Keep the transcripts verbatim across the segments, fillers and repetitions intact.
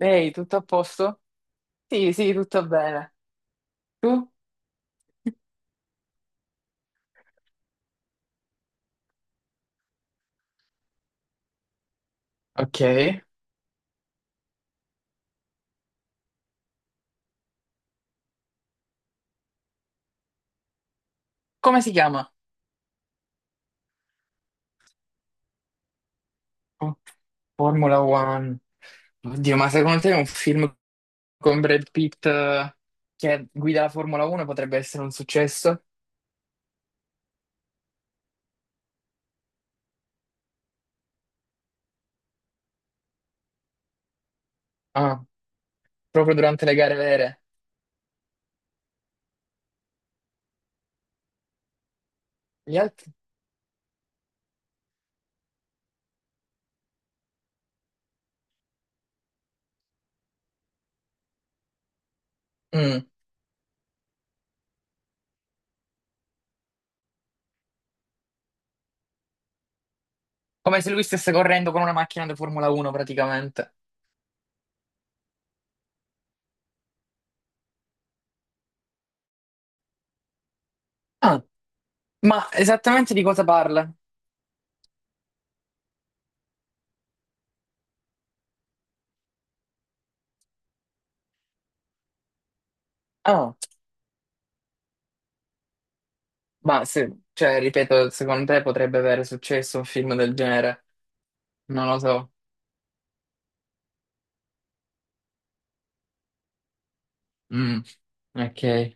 Ehi, tutto a posto? Sì, sì, tutto bene. Tu? Ok. Come si chiama? Formula One. Oddio, ma secondo te un film con Brad Pitt eh, che guida la Formula uno potrebbe essere un successo? Ah, proprio durante le gare vere. Gli altri? Mm, Come se lui stesse correndo con una macchina da Formula uno praticamente. Ah, ma esattamente di cosa parla? Ah, ma se, cioè, ripeto, secondo te potrebbe avere successo un film del genere? Non lo so. Mm, ok,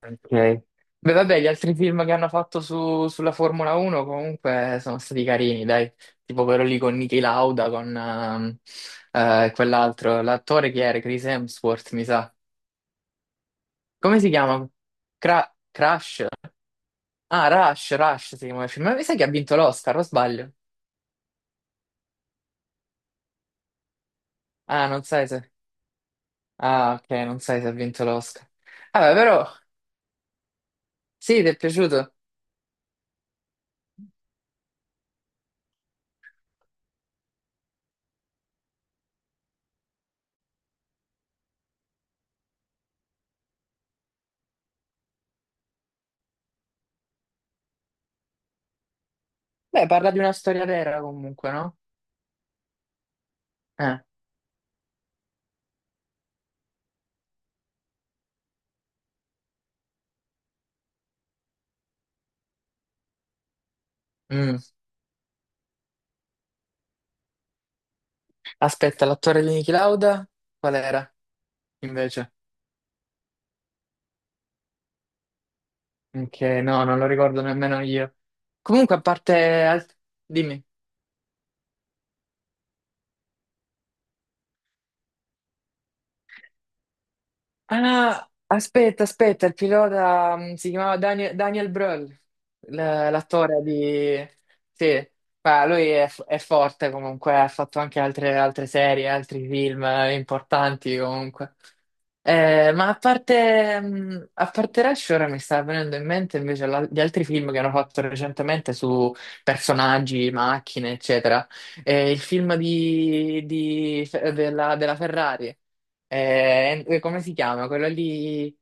ok. Beh, vabbè, gli altri film che hanno fatto su- sulla Formula uno comunque sono stati carini, dai. Tipo quello lì con Niki Lauda, con ehm, eh, quell'altro, l'attore che era, Chris Hemsworth, mi sa. Come si chiama? Cra- Crash? Ah, Rush, Rush si chiama il film. Ma mi sa che ha vinto l'Oscar, o sbaglio? Ah, non sai se... Ah, ok, non sai se ha vinto l'Oscar. Vabbè, però, sì, ti è piaciuto? Beh, parla di una storia vera comunque, no? Eh. Mm. Aspetta, l'attore di Niki Lauda? Qual era, invece? Che no, non lo ricordo nemmeno io. Comunque, a parte... al- Dimmi. Ah, no, aspetta, aspetta, il pilota mm, si chiamava Daniel, Daniel Brühl, l- l'attore di... Sì, ma lui è, f- è forte comunque, ha fatto anche altre, altre serie, altri film eh, importanti comunque. Eh, ma a parte, mh, a parte Rush, ora mi sta venendo in mente invece la- gli altri film che hanno fatto recentemente su personaggi, macchine, eccetera. Eh, il film di, di- della, della Ferrari. Eh, eh, come si chiama? Quello lì,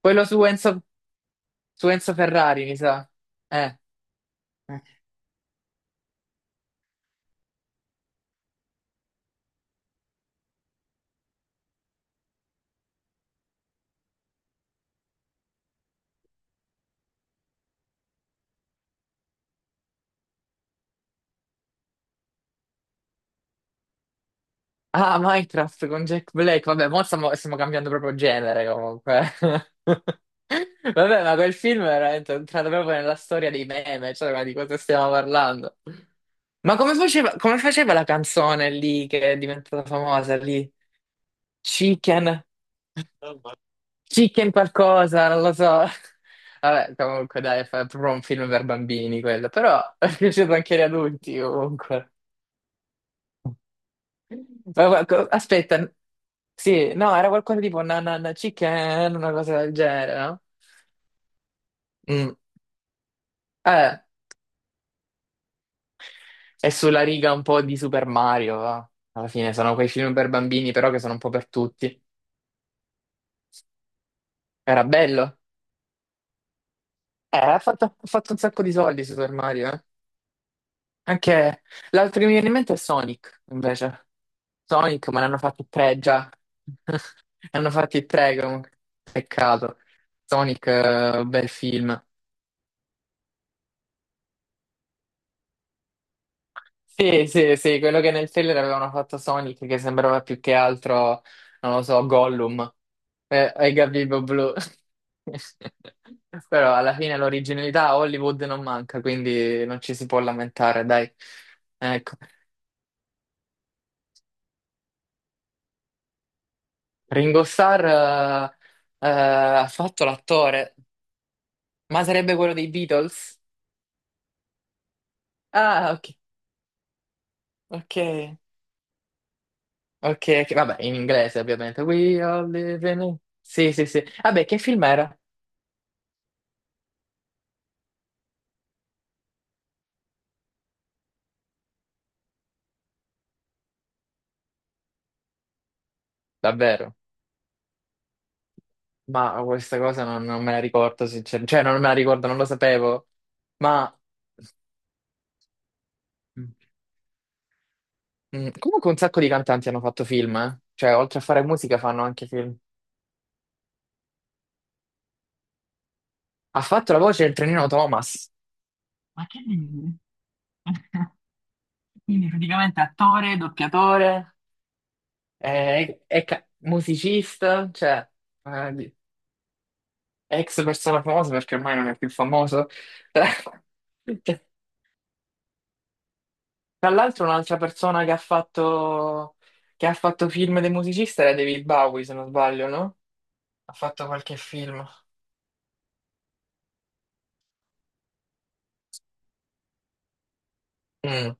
quello su Enzo, su Enzo Ferrari, mi sa. Eh. Eh. Ah, Minecraft con Jack Black. Vabbè, mo stiamo, stiamo cambiando proprio genere comunque. Vabbè, ma quel film è veramente entrato proprio nella storia dei meme, cioè, ma di cosa stiamo parlando? Ma come faceva, come faceva la canzone lì che è diventata famosa lì? Chicken, Chicken qualcosa, non lo so. Vabbè, comunque dai, è proprio un film per bambini quello, però è piaciuto anche agli adulti comunque. Ma qua- co- aspetta, sì, no, era qualcosa tipo nanana chicken, una cosa del genere, no? Mm. Eh, è sulla riga un po' di Super Mario, va. Alla fine sono quei film per bambini, però che sono un po' per tutti. Era bello. Eh, ha fatto, ha fatto un sacco di soldi Super Mario, eh. Anche l'altro che mi viene in mente è Sonic, invece. Sonic, ma ne hanno fatti tre già. Ne hanno fatti tre, comunque. Peccato. Sonic, eh, bel film. Sì, sì, sì, quello che nel trailer avevano fatto Sonic, che sembrava più che altro, non lo so, Gollum eh, e Gabibbo Blu. Però alla fine l'originalità a Hollywood non manca, quindi non ci si può lamentare, dai. Ecco. Ringo Starr eh, eh, ha fatto l'attore, ma sarebbe quello dei Beatles? Ah, ok, ok, ok, ok, vabbè, in inglese ovviamente. We all live in... Sì, sì, sì. Vabbè, che film era? Davvero? Ma questa cosa non, non me la ricordo, sinceramente. Cioè, non me la ricordo, non lo sapevo. Ma mm, Comunque un sacco di cantanti hanno fatto film, eh. Cioè, oltre a fare musica fanno anche film. Ha fatto la voce del trenino Thomas. Ma che dici? Quindi praticamente attore, doppiatore. È, è ca- musicista, cioè, eh, di- ex persona famosa perché ormai non è più famoso. Tra l'altro un'altra persona che ha fatto, che ha fatto film dei musicisti era David Bowie, se non sbaglio, no? Ha fatto qualche film. Mm.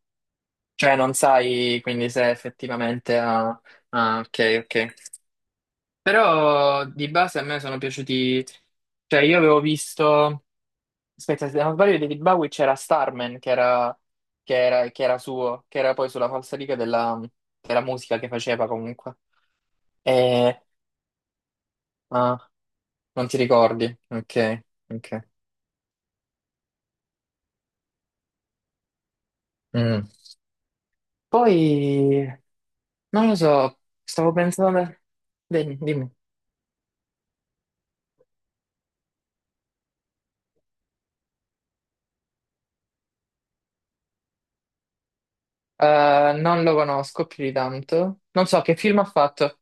Cioè non sai quindi se effettivamente ha... Ah, ok, ok. Però di base a me sono piaciuti... Cioè io avevo visto... Aspetta, se non sbaglio di David Bowie c'era Starman, che era, che era, che era suo, che era poi sulla falsariga della, della musica che faceva comunque. E... ah, non ti ricordi? Ok, ok. Mm. Poi, non lo so, stavo pensando... Dimmi, dimmi. Eh, non lo conosco più di tanto. Non so che film ha fatto.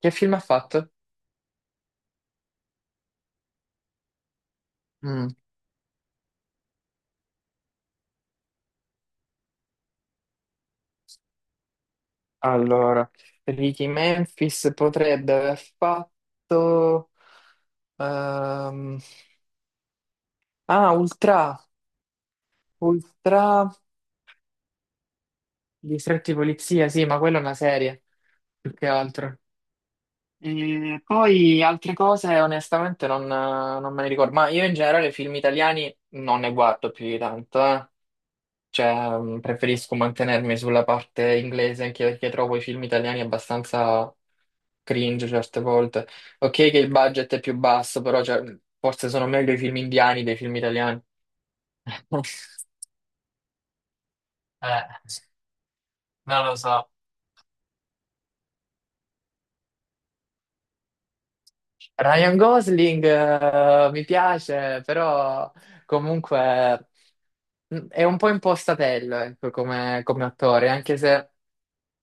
Che film ha fatto? Mm. Allora, Ricky Memphis potrebbe aver fatto... ehm, ah, Ultra. Ultra... Distretti di polizia, sì, ma quella è una serie, più che altro. E poi altre cose onestamente non, non me ne ricordo, ma io in generale film italiani non ne guardo più di tanto, eh. Cioè mh, preferisco mantenermi sulla parte inglese anche perché trovo i film italiani abbastanza cringe certe volte. Ok che il budget è più basso, però cioè, forse sono meglio i film indiani dei film italiani. Eh, non lo so. Ryan Gosling eh, mi piace, però comunque. Mm, È un po' impostatello, ecco, come, come attore, anche se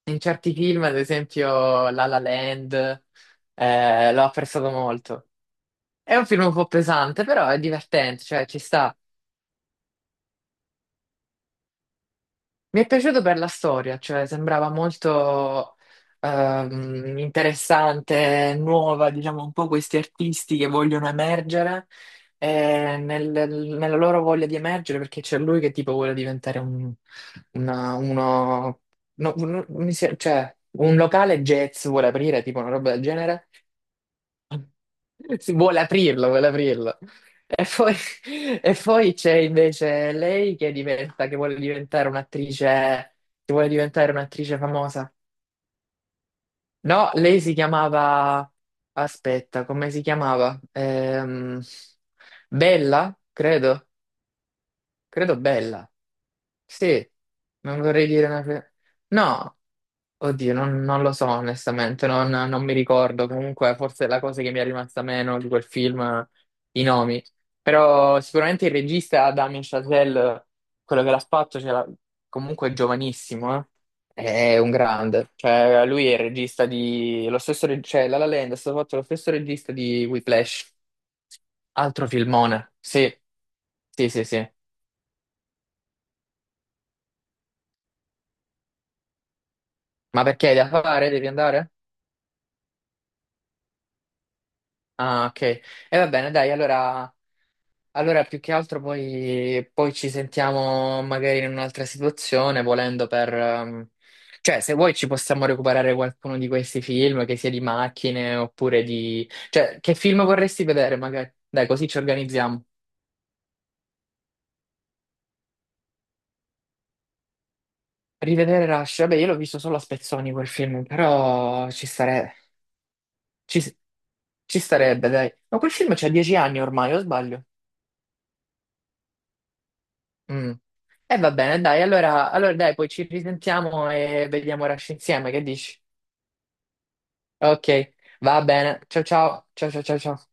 in certi film, ad esempio La La Land, eh, l'ho apprezzato molto. È un film un po' pesante, però è divertente, cioè ci sta. Mi è piaciuto per la storia, cioè sembrava molto ehm, interessante, nuova, diciamo un po' questi artisti che vogliono emergere eh, nel- nella loro voglia di emergere perché c'è lui che tipo vuole diventare un, una- uno, no, un- mi si- cioè, un locale jazz vuole aprire, tipo una roba del genere si vuole aprirlo, vuole aprirlo. E poi, e poi c'è invece lei che diventa, che vuole diventare un'attrice, che vuole diventare un'attrice famosa. No, lei si chiamava, aspetta, come si chiamava? Ehm, Bella, credo. Credo bella. Sì, non vorrei dire una... fe- no, oddio, non, non lo so onestamente, non, non mi ricordo. Comunque, forse è la cosa che mi è rimasta meno di quel film, i nomi. Però sicuramente il regista Damien Chazelle, quello che l'ha fatto, ce l'ha- comunque è giovanissimo, eh. È un grande. Cioè, lui è il regista di... Lo stesso reg- cioè, La La Land è stato fatto lo stesso regista di Whiplash. Altro filmone. Sì, sì, sì, sì. Ma perché hai da fare? Devi andare? Ah, ok. E va bene, dai, allora, allora più che altro poi, poi ci sentiamo magari in un'altra situazione, volendo per... ehm, cioè, se vuoi ci possiamo recuperare qualcuno di questi film, che sia di macchine oppure di... Cioè, che film vorresti vedere magari? Dai, così ci organizziamo. Rivedere Rush. Vabbè, io l'ho visto solo a spezzoni quel film, però ci stare... ci ci starebbe, dai. Ma quel film c'ha dieci anni ormai, o sbaglio? Mm. E va bene, dai, allora, allora dai, poi ci risentiamo e vediamo Rush insieme, che dici? Ok, va bene. Ciao ciao, ciao ciao ciao ciao.